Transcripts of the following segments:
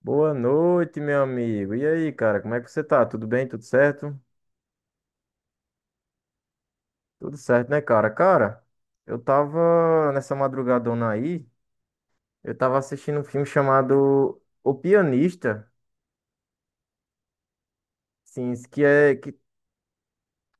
Boa noite, meu amigo. E aí, cara, como é que você tá? Tudo bem? Tudo certo? Tudo certo, né, cara? Cara, eu tava nessa madrugadona aí, eu tava assistindo um filme chamado O Pianista, sim,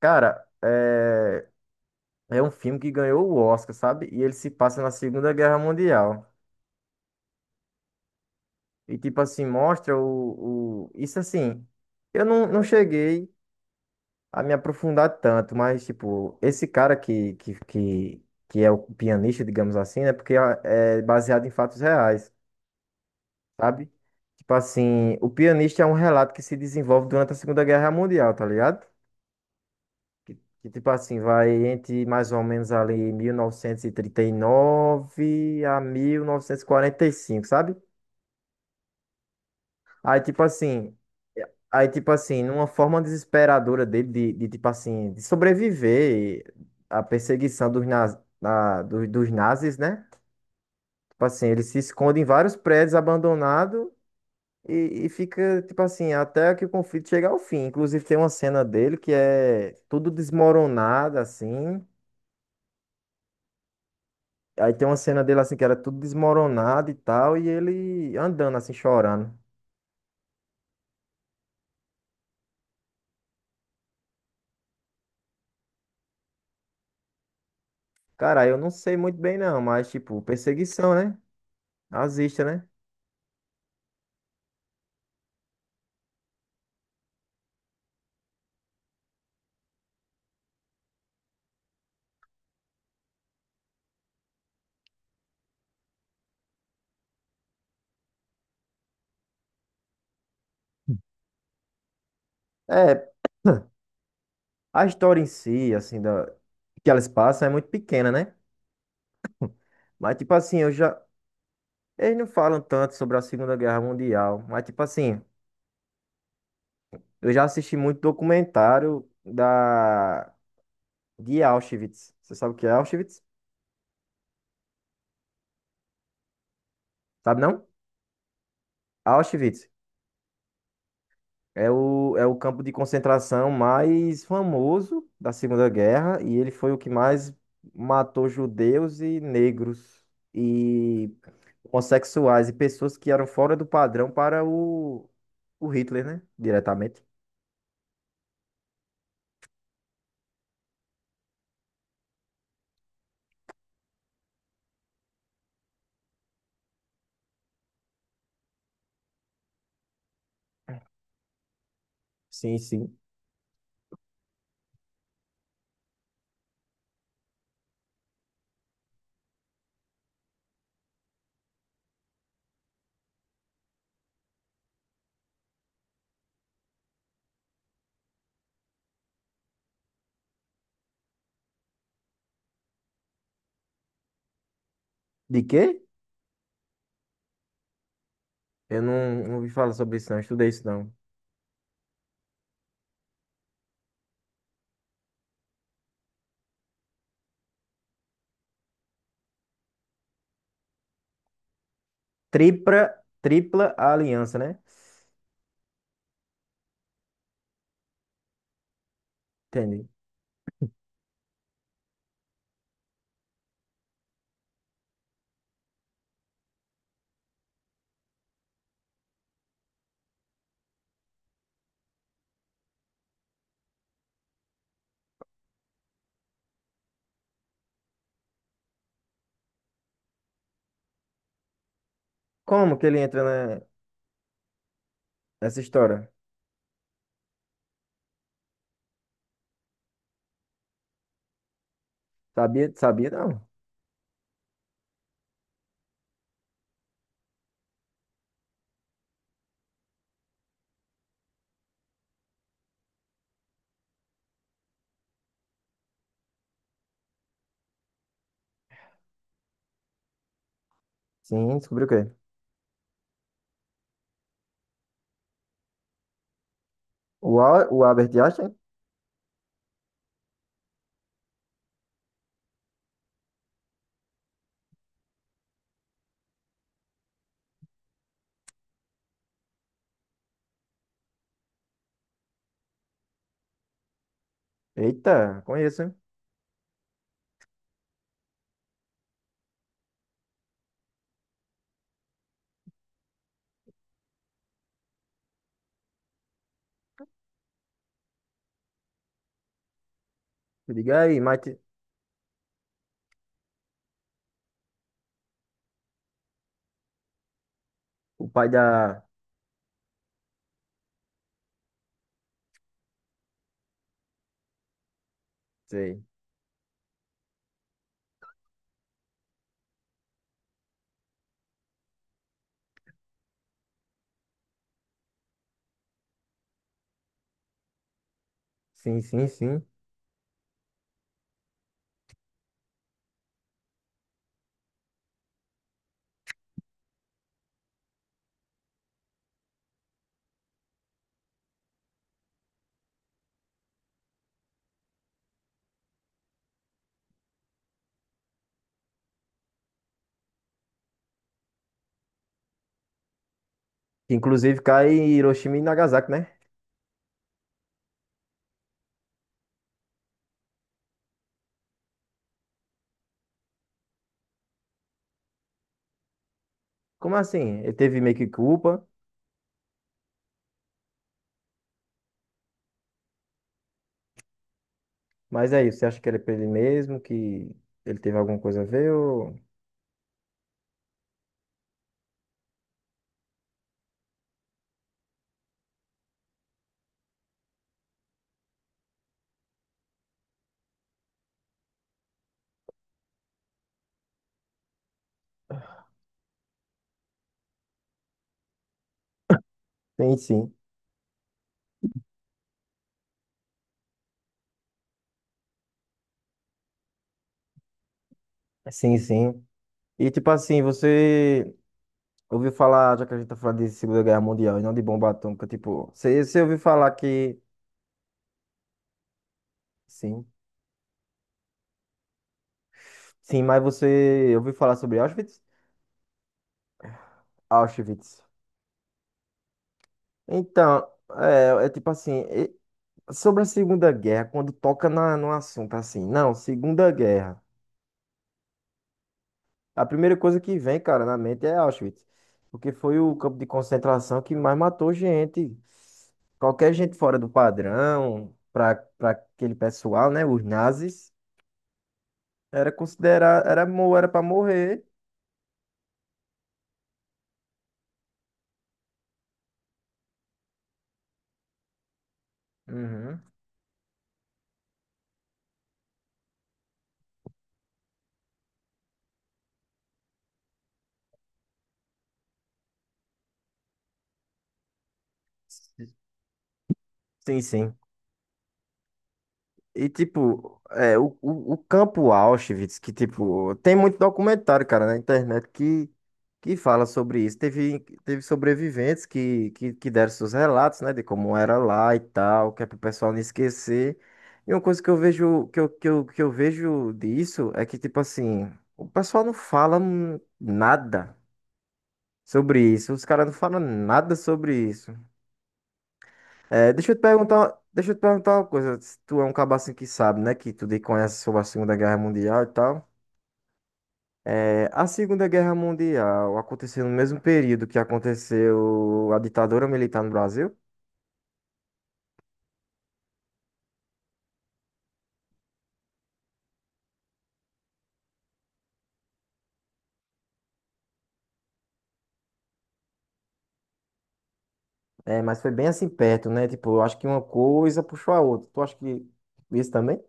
cara, é um filme que ganhou o Oscar, sabe? E ele se passa na Segunda Guerra Mundial. E tipo assim, mostra o... isso assim, eu não cheguei a me aprofundar tanto, mas, tipo, esse cara que é o pianista, digamos assim, né? Porque é baseado em fatos reais, sabe? Tipo assim, o pianista é um relato que se desenvolve durante a Segunda Guerra Mundial, tá ligado? Tipo assim, vai entre mais ou menos ali 1939 a 1945, sabe? Aí, tipo assim, Aí, tipo assim, numa forma desesperadora dele tipo assim, de sobreviver à perseguição dos dos nazis, né? Tipo assim, ele se esconde em vários prédios abandonados e fica, tipo assim, até que o conflito chegue ao fim. Inclusive, tem uma cena dele que é tudo desmoronado, assim. Aí tem uma cena dele, assim, que era tudo desmoronado e tal, e ele andando, assim, chorando. Cara, eu não sei muito bem, não, mas, tipo, perseguição, né? Nazista, né? É, a história em si, assim, que elas passam é muito pequena, né? Mas, tipo assim, eu já. Eles não falam tanto sobre a Segunda Guerra Mundial, mas, tipo assim, eu já assisti muito documentário da... de Auschwitz. Você sabe o que é Auschwitz? Sabe não? Auschwitz. É é o campo de concentração mais famoso da Segunda Guerra e ele foi o que mais matou judeus e negros e homossexuais e pessoas que eram fora do padrão para o Hitler, né? Diretamente. Sim, sim. De quê? Eu não ouvi falar sobre isso, não. Estudei isso, não. Tripla, tripla aliança, né? Entendi. Como que ele entra na- nessa história? Sabia, sabia, não. Sim, descobriu o quê? O Albert Einstein? Eita, conheço, hein? Se Liga aí, Mate, o pai da. Sei. Sim, sim, sim. Que inclusive cai em Hiroshima e Nagasaki, né? Como assim? Ele teve meio que culpa, mas é isso. Você acha que ele é pra ele mesmo? Que ele teve alguma coisa a ver? Ou... Sim, sim. Sim, sim. E tipo assim, você ouviu falar, já que a gente tá falando de Segunda Guerra Mundial e não de bomba atômica, tipo, você ouviu falar que. Sim. Sim, mas você ouviu falar sobre Auschwitz? Auschwitz. Então, é tipo assim. Sobre a Segunda Guerra, quando toca na, no assunto assim, não, Segunda Guerra. A primeira coisa que vem, cara, na mente é Auschwitz, porque foi o campo de concentração que mais matou gente. Qualquer gente fora do padrão, para aquele pessoal, né, os nazis, era considerar, era para morrer. Uhum. Sim, sim. E, tipo, o campo Auschwitz, que, tipo, tem muito documentário, cara, na internet que fala sobre isso. Teve sobreviventes que deram seus relatos, né, de como era lá e tal, que é pro pessoal não esquecer. E uma coisa que eu vejo, que eu vejo disso é que, tipo assim, o pessoal não fala nada sobre isso. Os caras não falam nada sobre isso. É, deixa eu te perguntar uma coisa. Se tu é um cabo assim que sabe, né? Que tu conhece sobre a Segunda Guerra Mundial e tal. É, a Segunda Guerra Mundial aconteceu no mesmo período que aconteceu a ditadura militar no Brasil. É, mas foi bem assim perto, né? Tipo, eu acho que uma coisa puxou a outra. Tu acha que isso também?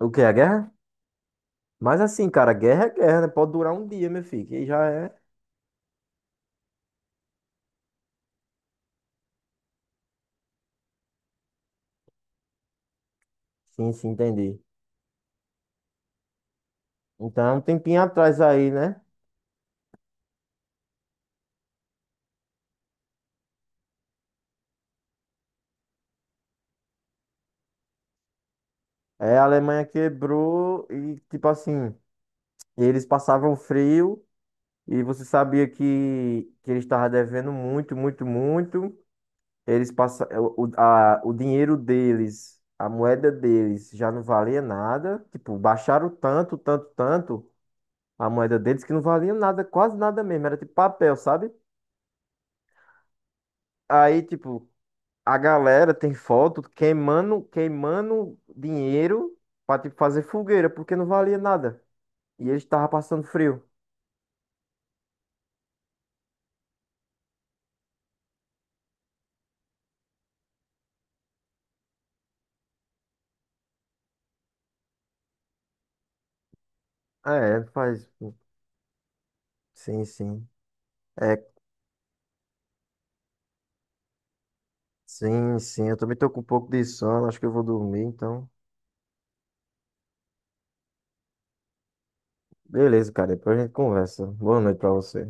O que é a guerra? Mas assim, cara, guerra é guerra, né? Pode durar um dia, meu filho. Que já é. Sim, sim, entendi. Então, um tempinho atrás aí, né? É, a Alemanha quebrou e, tipo assim. E eles passavam frio e você sabia que eles estavam devendo muito, muito, muito. Eles passa, o dinheiro deles, a moeda deles já não valia nada. Tipo, baixaram tanto, tanto, tanto a moeda deles que não valia nada, quase nada mesmo. Era tipo papel, sabe? Aí, tipo, a galera tem foto queimando, queimando dinheiro pra, tipo, fazer fogueira, porque não valia nada. E eles estavam passando frio. É, faz. Sim, sim. É, sim, sim, eu também tô com um pouco de sono, acho que eu vou dormir, então. Beleza, cara, depois a gente conversa. Boa noite pra você.